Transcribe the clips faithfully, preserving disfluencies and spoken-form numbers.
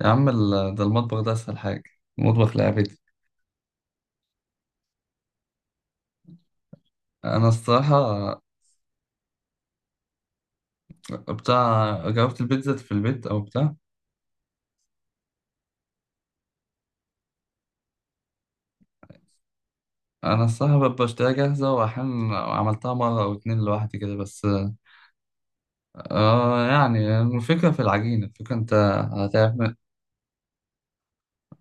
يا عم ال- ده المطبخ ده اسهل حاجه. المطبخ لعبتي. انا الصراحه بتاع جربت البيتزا في البيت او بتاع. انا الصراحه ب- بشتريها جاهزه، واحيانا عملتها مره او اتنين لوحدي كده بس. اه، يعني الفكره في العجينه، الفكره انت هتعمل.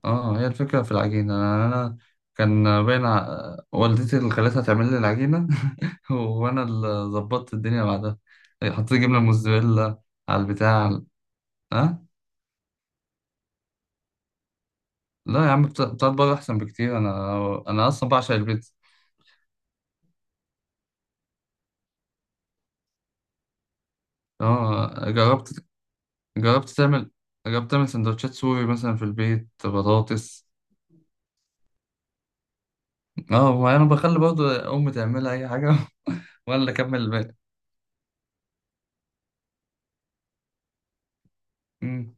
اه هي الفكره في العجينه، انا أنا كان بين ع- والدتي اللي خلتها تعمل لي العجينه. وانا اللي ظبطت الدنيا بعدها. حطيت جبنه موزاريلا على البتاع. اه. لا يا عم، بتا- بتاعت بره احسن بكتير، انا انا اصلا بعشق البيتزا. اه جربت. جربت تعمل جربت تعمل سندوتشات سوري مثلا في البيت، بطاطس. اه، ما انا بخلي برضو امي تعملها اي حاجه وانا اللي اكمل الباقي. امم.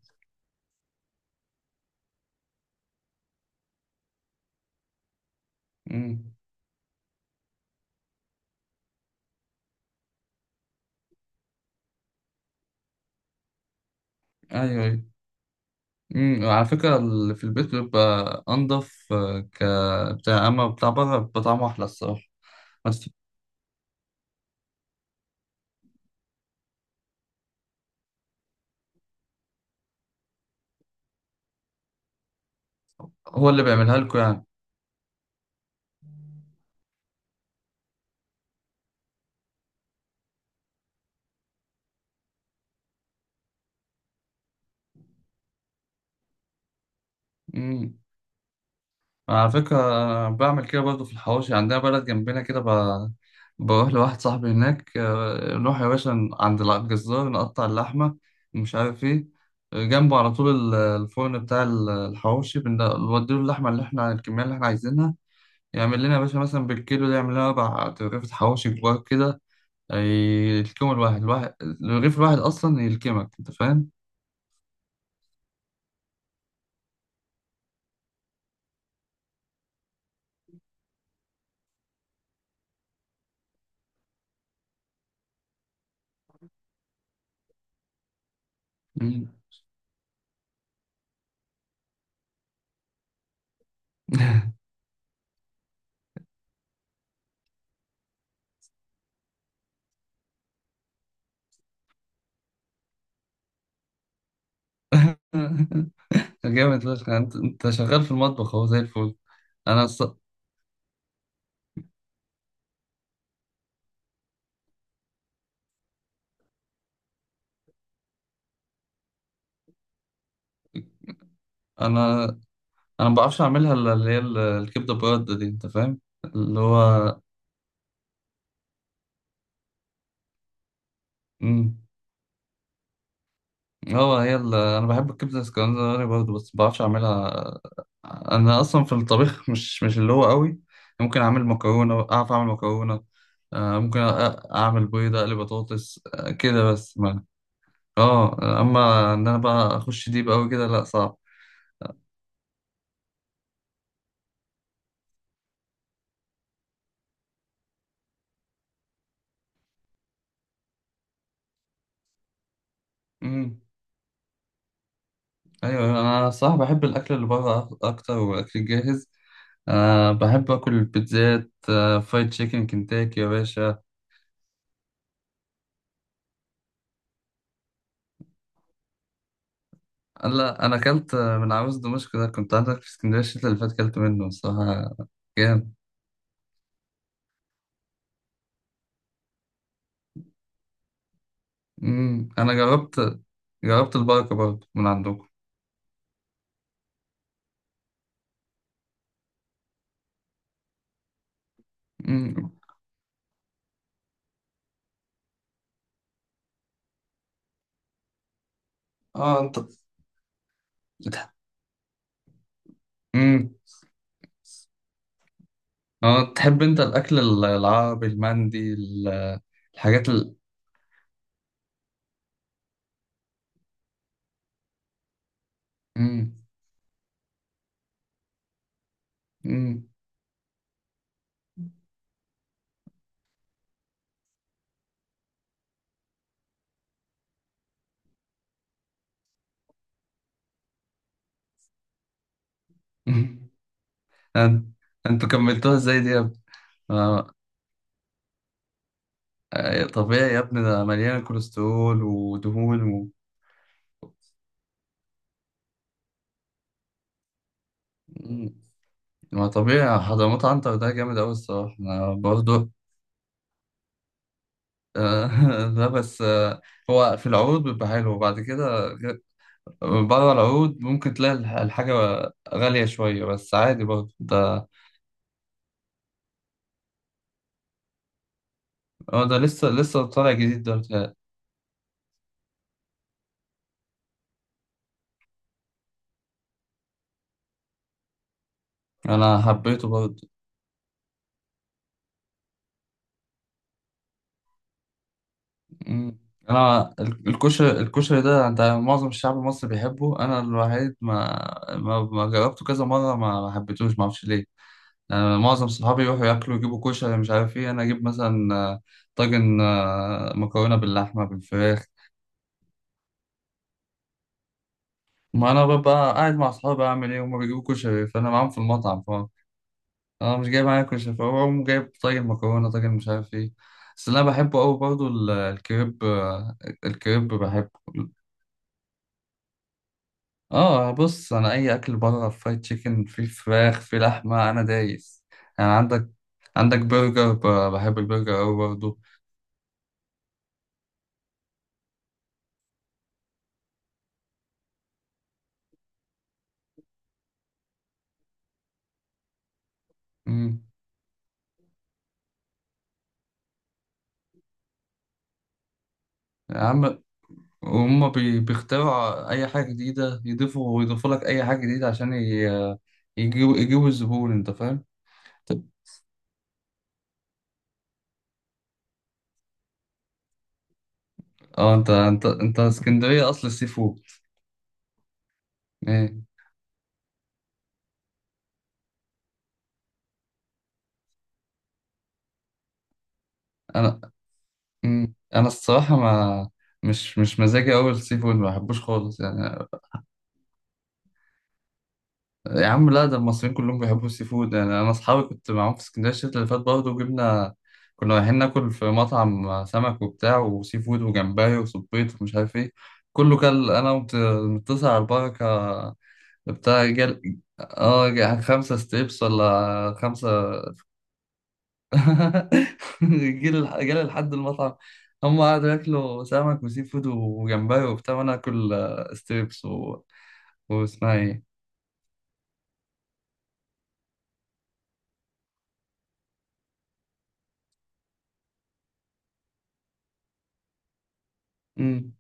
امم. ايوه، ايوه. امم، على فكره اللي في البيت بيبقى انضف آه، ك بتاع، اما بتاع بره بيبقى طعمه احلى الصراحه. بس. هو اللي بيعملها لكم؟ يعني على فكرة أنا بعمل كده برضه في الحواوشي. عندنا بلد جنبنا كده ب... بروح لواحد صاحبي هناك، آه، نروح يا باشا ن- عند الجزار نقطع اللحمة ومش عارف ايه. جنبه على طول ال- الفرن بتاع ال- الحواوشي، بن- بنوديله اللحمة اللي احنا الكمية اللي احنا عايزينها. يعمل لنا يا باشا مثلا بالكيلو ده يعمل لنا أربع رغيف حواوشي كبار كده. أي- يلكموا الواحد الواحد، الرغيف الواحد أصلا يلكمك، أنت فاهم؟ مم. جامد فشخ، يعني انت انت شغال في المطبخ اهو زي الفل. انا الص... انا انا ما بعرفش اعملها الا اللي هي ال- الكبده برده دي، انت فاهم اللي هو. امم. هو هي ال- انا بحب الكبده الاسكندراني برضه بس ما بعرفش اعملها. انا اصلا في الطبيخ مش مش اللي هو قوي. ممكن اعمل مكرونه، اعرف اعمل مكرونه. آه، ممكن أ- اعمل بيضه، اقلي بطاطس آه، كده بس ما. اه، اما ان انا بقى اخش ديب قوي كده لا صعب. امم. ايوه، انا صح بحب الاكل اللي بره أك- اكتر، والاكل الجاهز. أه بحب آكل البيتزات، أه فرايد تشيكن كنتاكي يا باشا. لا أنا أكلت آه، من عاوز دمشق ده، كنت عندك في اسكندرية الشتا اللي فات أكلت منه الصراحة. جامد. أمم، أنا جربت. جربت البركة برضه من عندكم. أمم. اه أنت بتح- أمم. اه، تحب أنت الأكل ال- العربي، المندي ال- الحاجات ال أمم. أمم. أمم. أنت- أنتوا كملتوها إزاي دي يا ابني؟ آه. آه، طبيعي يا ابني، ده مليانة كوليسترول ودهون. مم. ما طبيعي، حضرموت عنتر ده جامد أوي الصراحة، أنا برضه. آه. ده بس آه، هو في العروض بيبقى حلو، وبعد كده بره العروض ممكن تلاقي الح- الحاجة غالية شوية بس عادي برضه ده. هو ده لسه لسه طالع جديد ده بتاعي. أنا حبيته برضه. مم. أنا ال- الكشري الكشري ده، أنت معظم الشعب المصري بيحبه، أنا الوحيد ما ما, ما جربته كذا مرة، ما ما حبيتهوش، ما أعرفش ليه. يعني أنا معظم صحابي يروحوا ياكلوا يجيبوا كشري مش عارف إيه، أنا أجيب مثلا آه، طاجن، آه، مكرونة باللحمة بالفراخ. ما أنا ببقى قاعد مع صحابي، أعمل إيه؟ هما بيجيبوا كشري، فأنا معاهم في المطعم، فأنا أنا مش جايب معايا كشري فأقوم جايب طاجن مكرونة، طاجن مش عارف إيه. بس اللي أنا بحبه أوي برضه ال- الكريب آه، الكريب بحبه. آه بص، أنا أي أكل بره فرايد تشيكن، في فراخ، في لحمة، أنا دايس. يعني عندك عندك برجر، ب- بحب البرجر أوي برضه. أمم. يا عم، وهم بي- بيخترعوا أي حاجة جديدة، يضيفوا ويضيفوا لك أي حاجة جديدة عشان ي- يجيبوا يجيبوا الزبون، أنت فاهم؟ طب. أه، أنت أنت أنت اسكندرية أصل السي فود. إيه، أنا. مم. أنا الصراحة ما، مش مش مزاجي أوي السي فود، ما بحبوش خالص يعني. يا عم لا، ده المصريين كلهم بيحبوا السي فود، يعني أنا أصحابي كنت معاهم في اسكندرية الشتا اللي فات برضه وجبنا، كنا رايحين ناكل في مطعم سمك وبتاع وسي فود وجمبري وصبيط ومش عارف إيه. كله كل انا متصل على البركه بتاع جل اه جا- خمسة ستيبس ولا خمسة. جيل الح- جالي لحد المطعم. هم قعدوا ياكلوا سمك وسي فود وجمبري وبتاع، وانا اكل آه، ستيبس و... واسمها ايه. مم.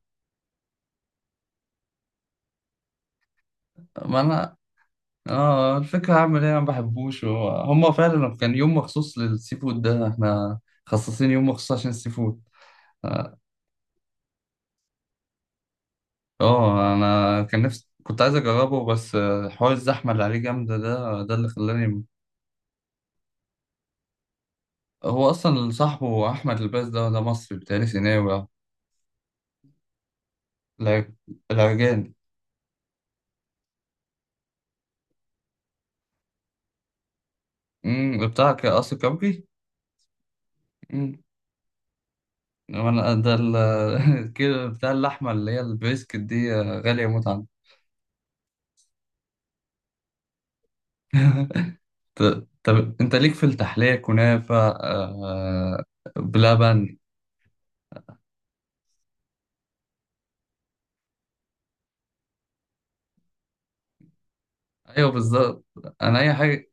ما انا اه، الفكرة هعمل ايه؟ انا ما بحبوش، هو- هم فعلا كان يوم مخصوص للسي فود ده، احنا خصصين يوم مخصوص عشان السي فود. اه. آه، انا كان نفسي كنت عايز اجربه بس آه، حوار الزحمة اللي عليه جامدة، ده ده اللي خلاني. هو اصلا صاحبه احمد الباز ده ده مصري بتاعي سيناوي. الع- العرجاني. امم. بتاع ك- قصر كبري. امم. وانا ده ال- كده بتاع اللحمه اللي هي البريسكت دي آه، غاليه موت عندي. ط- طب انت ليك في التحليه كنافه آه، بلبن. ايوه بالظبط. انا اي حاجه،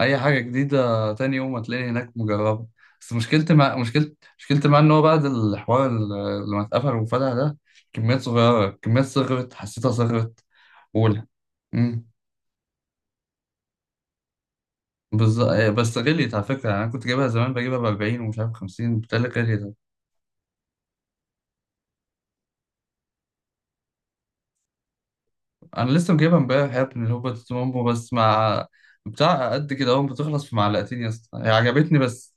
اي حاجه جديده تاني يوم هتلاقيني هناك مجربه. بس مشكلتي مع مشكلتي مشكلتي مع ان هو بعد الحوار اللي لما اتقفل وفتح ده، كميات صغيره كميات صغرت، حسيتها صغرت اولى. امم. بس بس غليت على فكره، يعني انا كنت جايبها زمان بجيبها ب أربعين ومش عارف خمسين بتهيألي غليت. انا لسه مجيبها امبارح يا ابني، اللي هو بطاطس مامبو، بس مع بتاع قد كده اهو، بتخلص في معلقتين يا اسطى، هي عجبتني بس.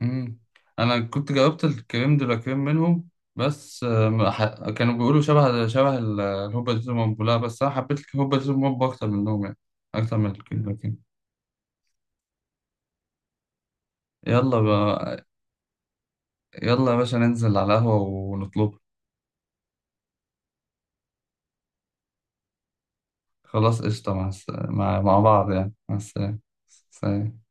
مم. انا كنت جاوبت الكريم دي لا كريم منهم بس آه، ما ح- كانوا بيقولوا شبه شبه ال- الهوبا دي بومبولا، بس انا حبيت الهوبا دي بومبولا اكتر منهم يعني. اكتر من الكريم دي لا كريم. يلا بقى، يلا يا باشا ننزل على القهوة ونطلب. خلاص قشطة، مع الس- مع مع بعض يعني، مع السلامة. سلام.